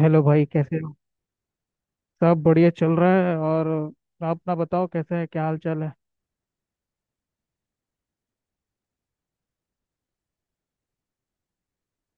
Hello भाई, कैसे हो। सब बढ़िया चल रहा है। और आप ना बताओ कैसे है, क्या हाल चाल है?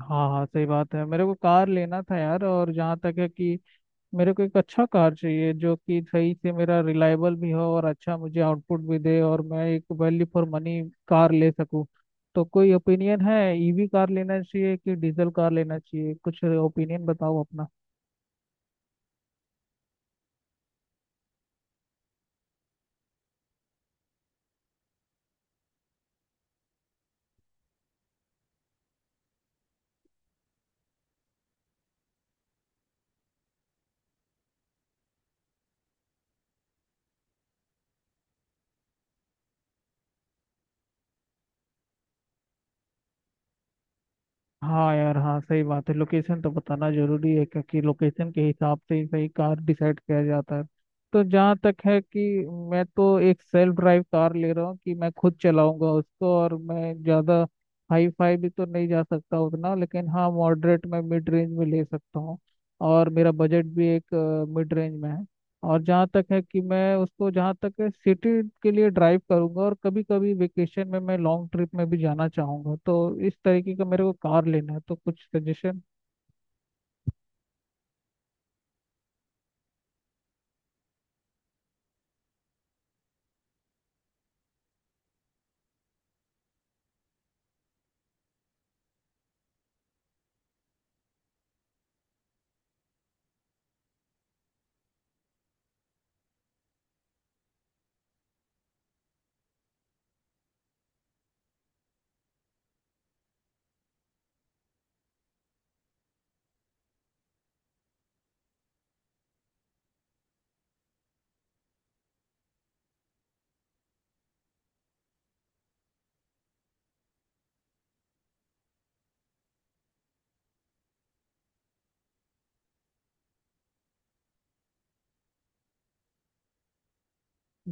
हाँ हाँ, सही बात है। मेरे को कार लेना था यार, और जहाँ तक है कि मेरे को एक अच्छा कार चाहिए जो कि सही से मेरा रिलायबल भी हो और अच्छा मुझे आउटपुट भी दे, और मैं एक वैल्यू फॉर मनी कार ले सकूँ। तो कोई ओपिनियन है, ईवी कार लेना चाहिए कि डीजल कार लेना चाहिए? कुछ ओपिनियन बताओ अपना। हाँ यार, हाँ सही बात है, लोकेशन तो बताना जरूरी है, क्योंकि लोकेशन के हिसाब से ही सही कार डिसाइड किया जाता है। तो जहाँ तक है कि मैं तो एक सेल्फ ड्राइव कार ले रहा हूँ कि मैं खुद चलाऊंगा उसको, और मैं ज़्यादा हाई फाई भी तो नहीं जा सकता उतना, लेकिन हाँ मॉडरेट में, मिड रेंज में ले सकता हूँ। और मेरा बजट भी एक मिड रेंज में है। और जहाँ तक है कि मैं उसको जहाँ तक है सिटी के लिए ड्राइव करूंगा, और कभी कभी वेकेशन में मैं लॉन्ग ट्रिप में भी जाना चाहूंगा। तो इस तरीके का मेरे को कार लेना है, तो कुछ सजेशन।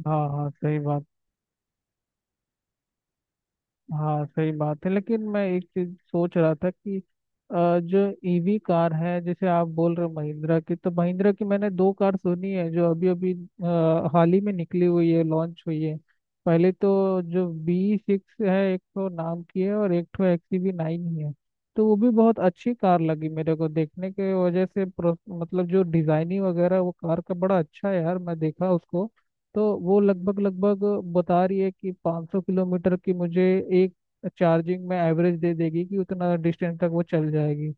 हाँ हाँ सही बात। हाँ सही बात है, लेकिन मैं एक चीज सोच रहा था कि जो ईवी कार है जैसे आप बोल रहे हो महिंद्रा की, तो महिंद्रा की मैंने दो कार सुनी है जो अभी अभी हाल ही में निकली हुई है, लॉन्च हुई है। पहले तो जो बी सिक्स है एक तो नाम की है, और एक तो एक्सयूवी नाइन ही है। तो वो भी बहुत अच्छी कार लगी मेरे को देखने के वजह से, मतलब जो डिजाइनिंग वगैरह वो कार का बड़ा अच्छा है यार, मैं देखा उसको। तो वो लगभग लगभग बता रही है कि 500 किलोमीटर की मुझे एक चार्जिंग में एवरेज दे देगी, कि उतना डिस्टेंस तक वो चल जाएगी।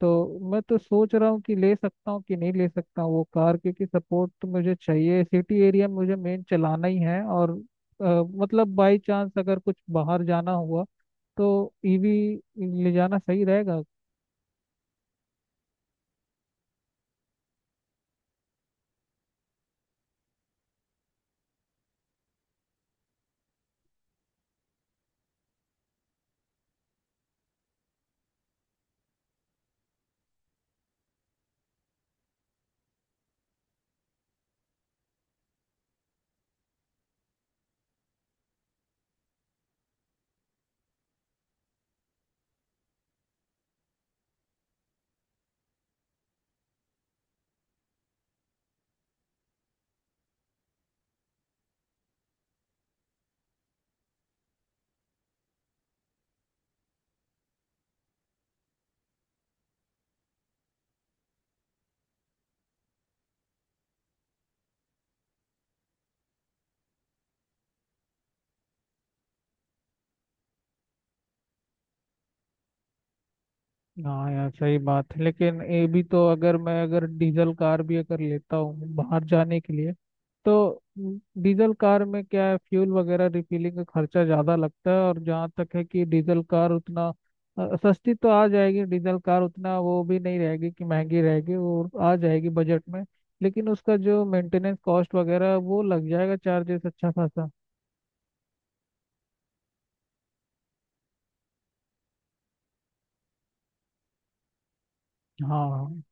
तो मैं तो सोच रहा हूँ कि ले सकता हूँ कि नहीं ले सकता हूँ वो कार, क्योंकि सपोर्ट तो मुझे चाहिए। सिटी एरिया में मुझे मेन चलाना ही है, और अ, मतलब बाई चांस अगर कुछ बाहर जाना हुआ तो ईवी ले जाना सही रहेगा। हाँ यार सही बात है, लेकिन ये भी तो अगर मैं अगर डीजल कार भी अगर लेता हूँ बाहर जाने के लिए, तो डीजल कार में क्या है, फ्यूल वगैरह रिफिलिंग का खर्चा ज़्यादा लगता है। और जहाँ तक है कि डीजल कार उतना सस्ती तो आ जाएगी। डीजल कार उतना वो भी नहीं रहेगी कि महंगी रहेगी, वो आ जाएगी बजट में, लेकिन उसका जो मेंटेनेंस कॉस्ट वगैरह वो लग जाएगा, चार्जेस अच्छा खासा। हाँ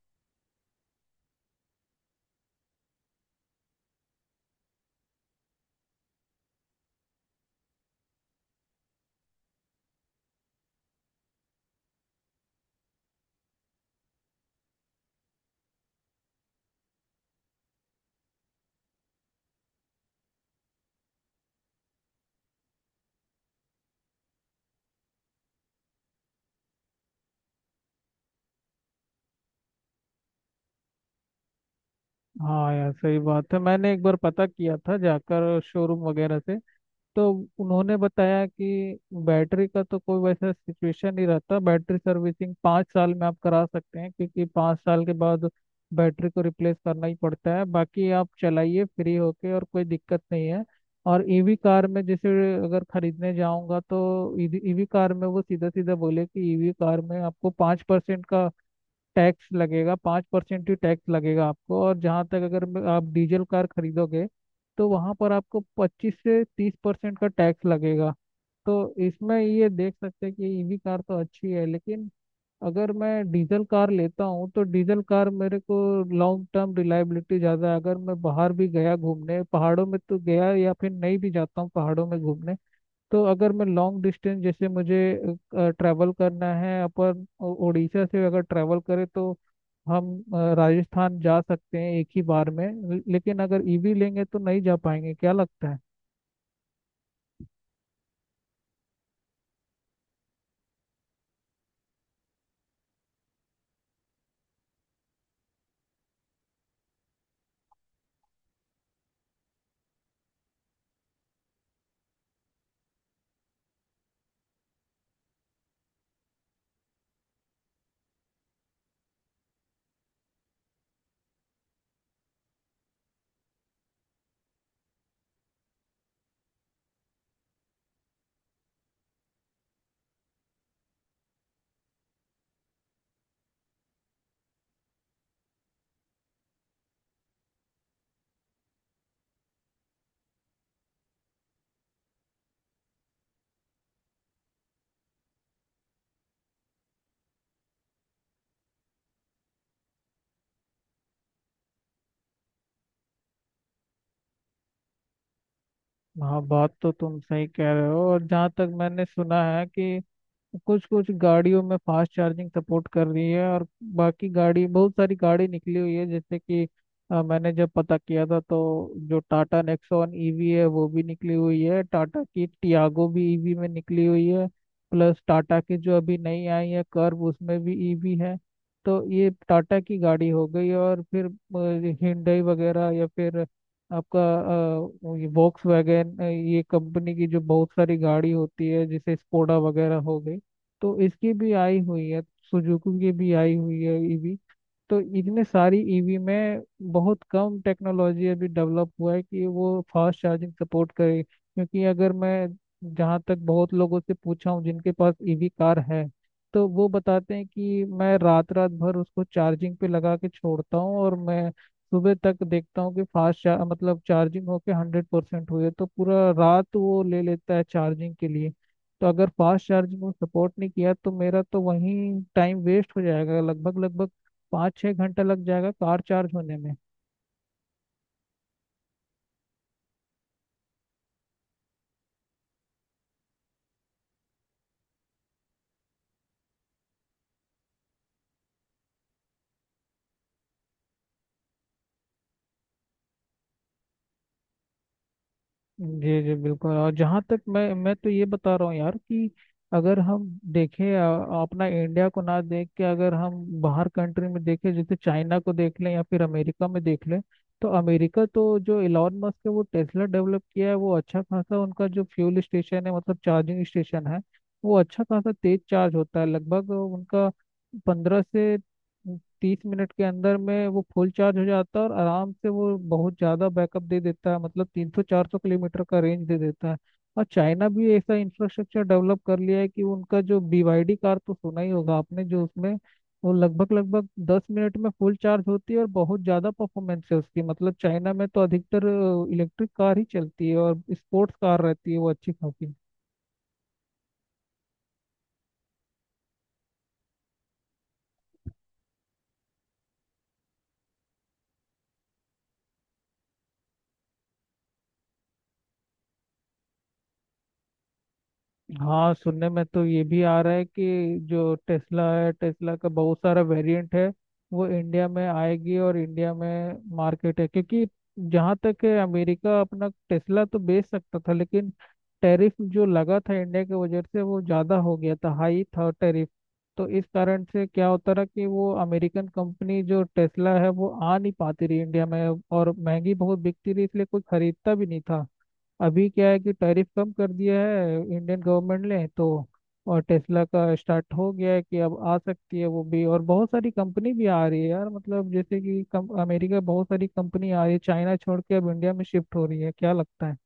हाँ यार, सही बात है। मैंने एक बार पता किया था जाकर शोरूम वगैरह से, तो उन्होंने बताया कि बैटरी का तो कोई वैसा सिचुएशन नहीं रहता, बैटरी सर्विसिंग 5 साल में आप करा सकते हैं, क्योंकि 5 साल के बाद बैटरी को रिप्लेस करना ही पड़ता है। बाकी आप चलाइए फ्री होके, और कोई दिक्कत नहीं है। और ईवी कार में जैसे अगर खरीदने जाऊंगा तो ईवी कार में वो सीधा सीधा बोले कि ईवी कार में आपको 5% का टैक्स लगेगा। 5% ही टैक्स लगेगा आपको। और जहाँ तक अगर आप डीजल कार खरीदोगे, तो वहाँ पर आपको 25 से 30% का टैक्स लगेगा। तो इसमें ये देख सकते हैं कि ईवी कार तो अच्छी है, लेकिन अगर मैं डीजल कार लेता हूँ तो डीजल कार मेरे को लॉन्ग टर्म रिलायबिलिटी ज़्यादा है। अगर मैं बाहर भी गया घूमने पहाड़ों में तो गया, या फिर नहीं भी जाता हूँ पहाड़ों में घूमने, तो अगर मैं लॉन्ग डिस्टेंस जैसे मुझे ट्रैवल करना है, अपन उड़ीसा से अगर ट्रैवल करें तो हम राजस्थान जा सकते हैं एक ही बार में। लेकिन अगर ईवी लेंगे तो नहीं जा पाएंगे, क्या लगता है? हाँ, बात तो तुम सही कह रहे हो। और जहाँ तक मैंने सुना है कि कुछ कुछ गाड़ियों में फास्ट चार्जिंग सपोर्ट कर रही है, और बाकी गाड़ी, बहुत सारी गाड़ी निकली हुई है, जैसे कि मैंने जब पता किया था, तो जो टाटा नेक्सॉन ईवी है वो भी निकली हुई है, टाटा की टियागो भी ईवी में निकली हुई है। प्लस टाटा की जो अभी नई आई है कर्व, उसमें भी ईवी है। तो ये टाटा की गाड़ी हो गई, और फिर हिंडई वगैरह, या फिर आपका ये वॉक्स वैगन, ये कंपनी की जो बहुत सारी गाड़ी होती है जैसे स्कोडा वगैरह हो गई। तो इसकी भी आई हुई है, सुजुकी की भी आई हुई है। तो इतने सारी ईवी में बहुत कम टेक्नोलॉजी अभी डेवलप हुआ है कि वो फास्ट चार्जिंग सपोर्ट करे, क्योंकि अगर मैं जहाँ तक बहुत लोगों से पूछा हूँ जिनके पास ईवी कार है, तो वो बताते हैं कि मैं रात रात भर उसको चार्जिंग पे लगा के छोड़ता हूँ, और मैं सुबह तक देखता हूँ कि मतलब चार्जिंग होके 100% हुई है। तो पूरा रात वो ले लेता है चार्जिंग के लिए। तो अगर फास्ट चार्जिंग को सपोर्ट नहीं किया, तो मेरा तो वहीं टाइम वेस्ट हो जाएगा, लगभग लगभग 5-6 घंटा लग जाएगा कार चार्ज होने में। जी जी बिल्कुल। और जहाँ तक मैं तो ये बता रहा हूँ यार कि अगर हम देखें, अपना इंडिया को ना देख के अगर हम बाहर कंट्री में देखें, जैसे चाइना को देख लें या फिर अमेरिका में देख लें। तो अमेरिका तो, जो इलॉन मस्क है वो टेस्ला डेवलप किया है। वो अच्छा खासा, उनका जो फ्यूल स्टेशन है, मतलब चार्जिंग स्टेशन है, वो अच्छा खासा तेज चार्ज होता है, लगभग उनका 15 से 30 मिनट के अंदर में वो फुल चार्ज हो जाता है, और आराम से वो बहुत ज़्यादा बैकअप दे देता है, मतलब 300-400 किलोमीटर का रेंज दे देता है। और चाइना भी ऐसा इंफ्रास्ट्रक्चर डेवलप कर लिया है कि उनका जो BYD कार तो सुना ही होगा आपने, जो उसमें वो लगभग लगभग 10 मिनट में फुल चार्ज होती है, और बहुत ज़्यादा परफॉर्मेंस है उसकी। मतलब चाइना में तो अधिकतर इलेक्ट्रिक कार ही चलती है, और स्पोर्ट्स कार रहती है वो अच्छी खासी। हाँ, सुनने में तो ये भी आ रहा है कि जो टेस्ला है, टेस्ला का बहुत सारा वेरिएंट है वो इंडिया में आएगी, और इंडिया में मार्केट है। क्योंकि जहाँ तक है, अमेरिका अपना टेस्ला तो बेच सकता था, लेकिन टैरिफ जो लगा था इंडिया की वजह से वो ज़्यादा हो गया था, हाई था टैरिफ। तो इस कारण से क्या होता रहा कि वो अमेरिकन कंपनी जो टेस्ला है वो आ नहीं पाती रही इंडिया में, और महंगी बहुत बिकती रही, इसलिए कोई खरीदता भी नहीं था। अभी क्या है कि टैरिफ कम कर दिया है इंडियन गवर्नमेंट ने, तो और टेस्ला का स्टार्ट हो गया है कि अब आ सकती है वो भी। और बहुत सारी कंपनी भी आ रही है यार, मतलब जैसे कि अमेरिका बहुत सारी कंपनी आ रही है चाइना छोड़ के, अब इंडिया में शिफ्ट हो रही है, क्या लगता है?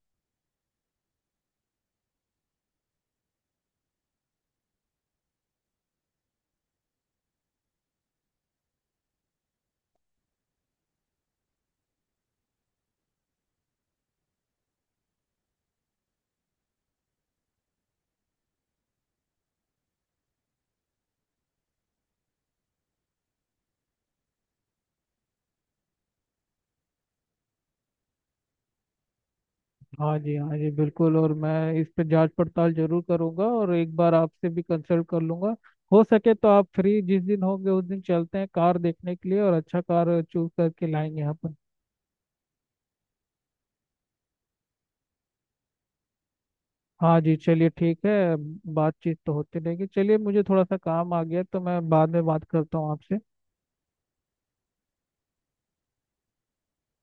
हाँ जी, हाँ जी, बिल्कुल। और मैं इस पे जांच पड़ताल जरूर करूंगा, और एक बार आपसे भी कंसल्ट कर लूंगा। हो सके तो आप फ्री जिस दिन होंगे उस दिन चलते हैं कार देखने के लिए, और अच्छा कार चूज करके लाएंगे हम। हाँ जी, चलिए ठीक है। बातचीत तो होती रहेगी। चलिए, मुझे थोड़ा सा काम आ गया, तो मैं बाद में बात करता हूँ आपसे।